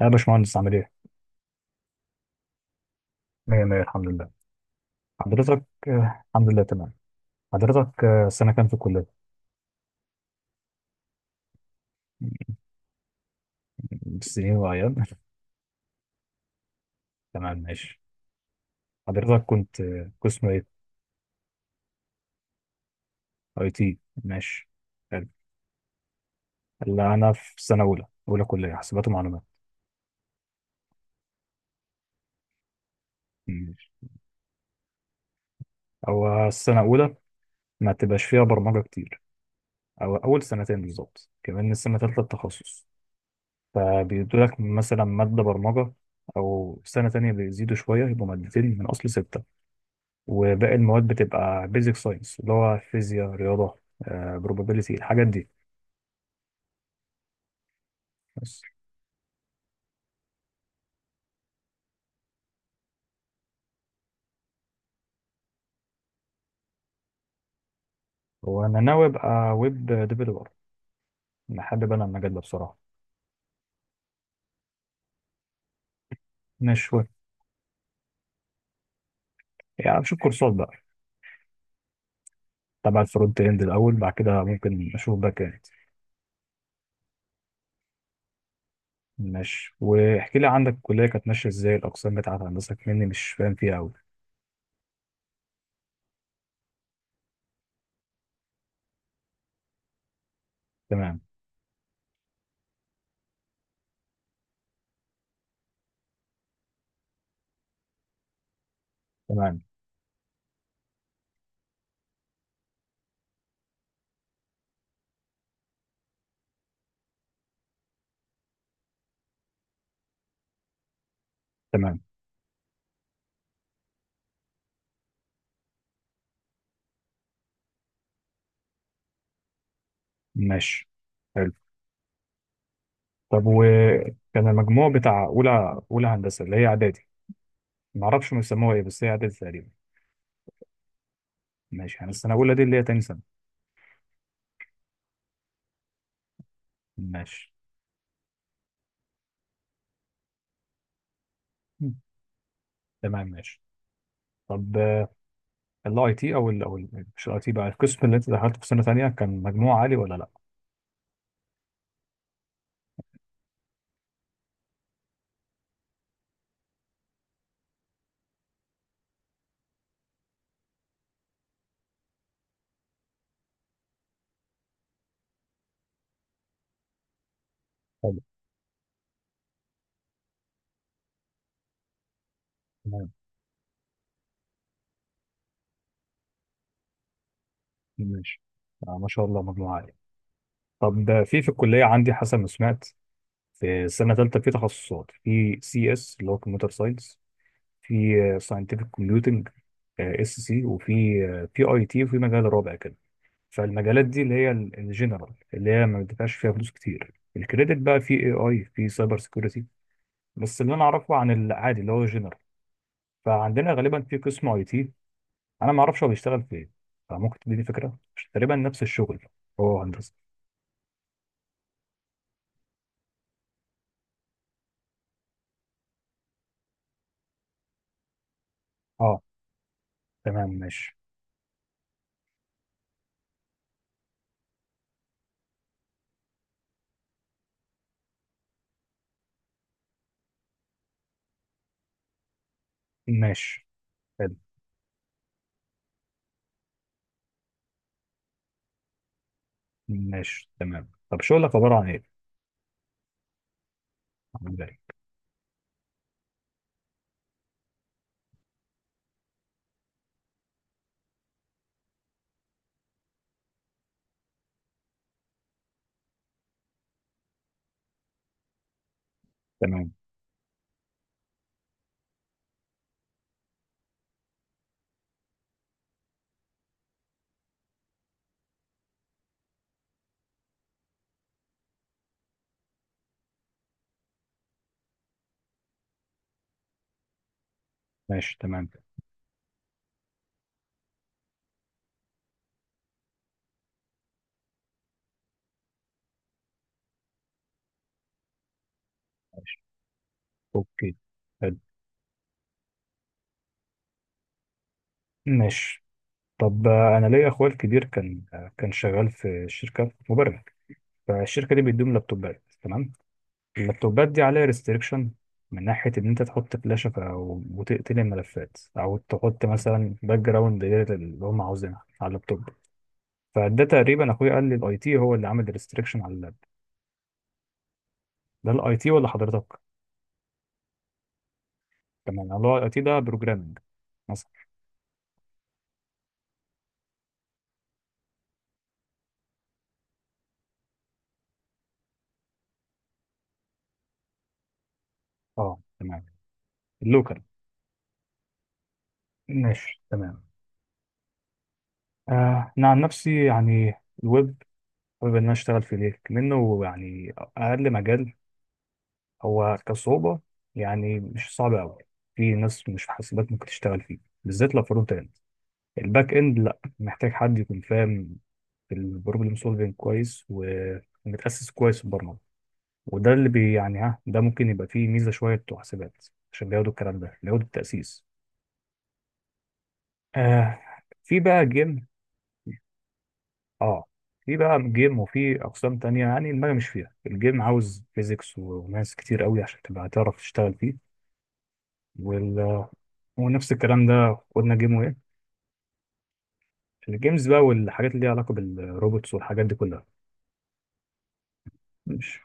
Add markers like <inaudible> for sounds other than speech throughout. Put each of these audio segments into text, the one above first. يا باشمهندس عامل ايه؟ مية مية الحمد لله. حضرتك الحمد لله تمام. حضرتك سنة كام في الكلية؟ سنين وأيام. <laughs> تمام ماشي. حضرتك كنت قسم ايه؟ اي تي. ماشي. حلو. لا أنا في سنة أولى كلية حاسبات ومعلومات. ماشي. هو السنة أولى ما تبقاش فيها برمجة كتير، أو أول سنتين بالظبط، كمان السنة تالتة التخصص، فبيدولك مثلا مادة برمجة، أو سنة تانية بيزيدوا شوية يبقوا مادتين من أصل ستة، وباقي المواد بتبقى بيزك ساينس اللي هو فيزياء رياضة بروبابيليتي الحاجات دي. بس. هو أنا ناوي أبقى ويب ديفيلوبر، أنا حابب أنا المجال ده بصراحة. مش ويب، يعني أشوف كورسات بقى تبع الفرونت إند الأول، بعد كده ممكن أشوف باك إند. ماشي. واحكي لي عندك الكلية كانت ماشية إزاي؟ الأقسام بتاعت هندسك مني مش فاهم فيها أوي. تمام. تمام. تمام ماشي. حلو. طب وكان المجموع بتاع أولى أولى هندسة اللي هي إعدادي؟ معرفش هم بيسموها إيه، بس هي إعدادي تقريبا. ماشي، يعني السنة الأولى دي اللي هي تاني سنة. ماشي. مم. تمام ماشي. طب الاي تي او ال أو مش الاي تي بقى، القسم اللي انت دخلته في سنة تانية كان مجموع عالي ولا لا؟ حلو. تمام ماشي. آه ما شاء الله، مجموع عالي. طب في الكلية عندي حسب ما سمعت، في السنة التالتة في تخصصات، في سي اس اللي هو كمبيوتر ساينس، في ساينتفك كومبيوتنج اس سي، وفي في اي تي، وفي مجال رابع كده. فالمجالات دي اللي هي الجنرال اللي هي ما بتدفعش فيها فلوس كتير، الكريدت بقى في اي اي في سايبر سيكيورتي. بس اللي انا اعرفه عن العادي اللي هو جنرال، فعندنا غالبا في قسم اي تي، انا ما اعرفش هو بيشتغل في ايه، فممكن تديني فكره؟ مش تقريبا نفس الشغل؟ هو هندسه. اه. تمام ماشي. ماشي. حلو. ماشي تمام. طب شغلك عباره عن ايه؟ عن إيه؟ تمام ماشي. تمام ماشي. اوكي. حلو. ماشي. طب انا ليا اخويا الكبير كان كان شغال في شركه مبرمج، فالشركه دي بتدوم لابتوبات، تمام، اللابتوبات دي عليها ريستريكشن، من ناحيه ان انت تحط فلاشه او وتقتل الملفات، او تحط مثلا باك جراوند غير اللي هم عاوزينها على اللابتوب، فده تقريبا اخويا قال لي الاي تي هو اللي عامل ريستريكشن على اللاب. ده الاي تي ولا حضرتك؟ تمام الله، الاي تي ده بروجرامنج مثلا. اه تمام، اللوكال. ماشي تمام. آه انا عن نفسي يعني الويب، حابب ان انا اشتغل في ليه، منه يعني اقل مجال هو كصعوبة، يعني مش صعب أوي، في ناس مش في حاسبات ممكن تشتغل فيه، بالذات لو فرونت إند. الباك إند لأ، محتاج حد يكون فاهم في البروبلم سولفينج كويس ومتأسس كويس في البرمجة. وده اللي بي يعني ها ده ممكن يبقى فيه ميزة، شوية بتوع حاسبات عشان بياخدوا الكلام ده، بياخدوا التأسيس. آه. في بقى جيم. اه، في بقى جيم وفي أقسام تانية، يعني المجال مش فيها، الجيم عاوز فيزيكس وماس كتير قوي عشان تبقى تعرف تشتغل فيه. وال... ونفس الكلام ده قلنا جيم وير، الجيمز بقى والحاجات اللي ليها علاقه بالروبوتس والحاجات دي كلها. مش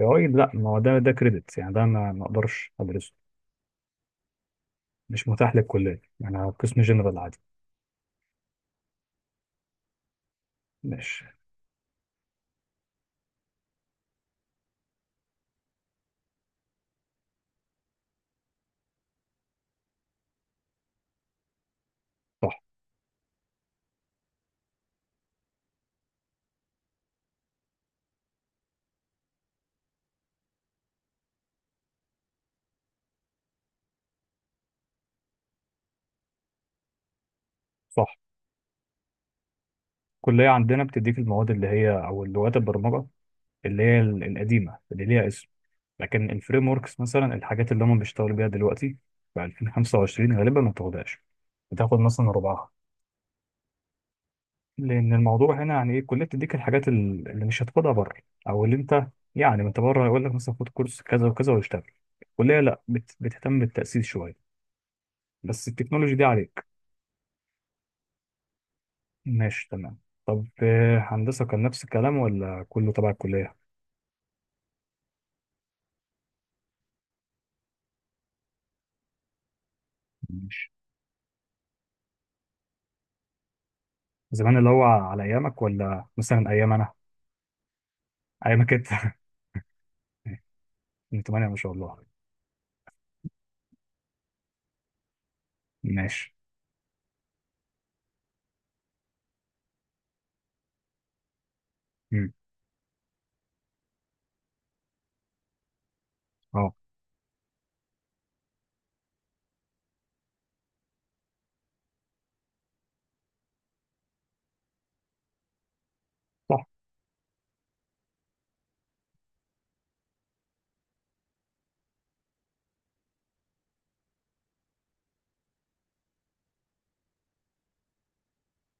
اي اي، لا، ما هو ده كريدت يعني، ده ما اقدرش ادرسه، مش متاح للكليه، يعني انا قسم جنرال عادي. ماشي. صح. صح. الكليه عندنا بتديك المواد اللي هي او لغات البرمجه اللي هي القديمه اللي ليها اسم، لكن الفريم وركس مثلا، الحاجات اللي هم بيشتغلوا بيها دلوقتي في 2025 غالبا ما بتاخدهاش، بتاخد مثلا ربعها. لان الموضوع هنا يعني ايه، الكليه بتديك الحاجات اللي مش هتاخدها بره، او اللي انت يعني، ما انت بره يقول لك مثلا خد كورس كذا وكذا واشتغل. الكليه لا، بتهتم بالتاسيس شويه، بس التكنولوجي دي عليك. ماشي تمام. طب هندسه كان نفس الكلام ولا كله تبع الكليه؟ ماشي. زمان اللي هو على ايامك ولا مثلا ايام انا، ايامك انت. <laughs> من 8 ما شاء الله. ماشي. امم اه. صح.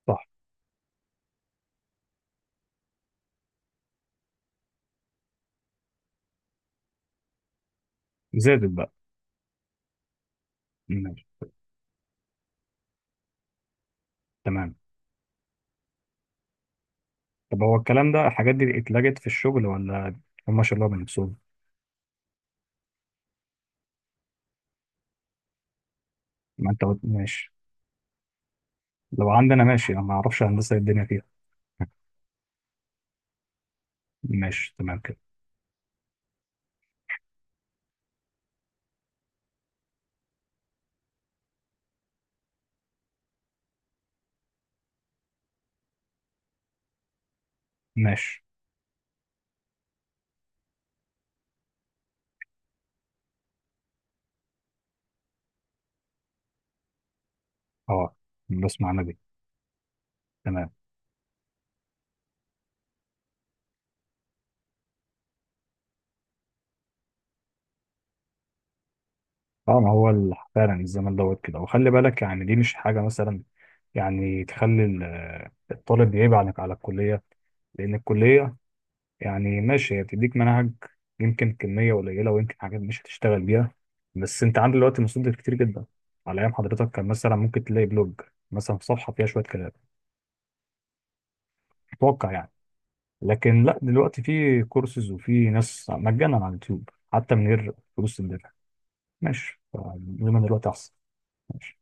صح زادت بقى. ماشي تمام. طب هو الكلام ده الحاجات دي اتلجت في الشغل، ولا هم شالوها من نفسهم؟ ما انت قلت- ماشي. لو عندنا، ماشي، انا ما اعرفش هندسه إيه الدنيا فيها. ماشي تمام كده. ماشي. اه بس معنى دي. تمام. اه ما هو فعلا الزمن دوت كده، وخلي بالك يعني دي مش حاجه مثلا يعني تخلي الطالب يعيب عليك على الكليه، لان الكليه يعني ماشي، هي بتديك منهج يمكن كميه قليله ويمكن حاجات مش هتشتغل بيها، بس انت عندك دلوقتي مصادر كتير جدا. على ايام حضرتك كان مثلا ممكن تلاقي بلوج مثلا، في صفحه فيها شويه كلام، اتوقع يعني. لكن لا دلوقتي في كورسز وفي ناس مجانا على اليوتيوب حتى من غير فلوس تدفع. ماشي، فالمهم دلوقتي احسن. ماشي.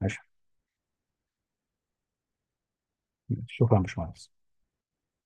ماشي. شكرا يا باشمهندس.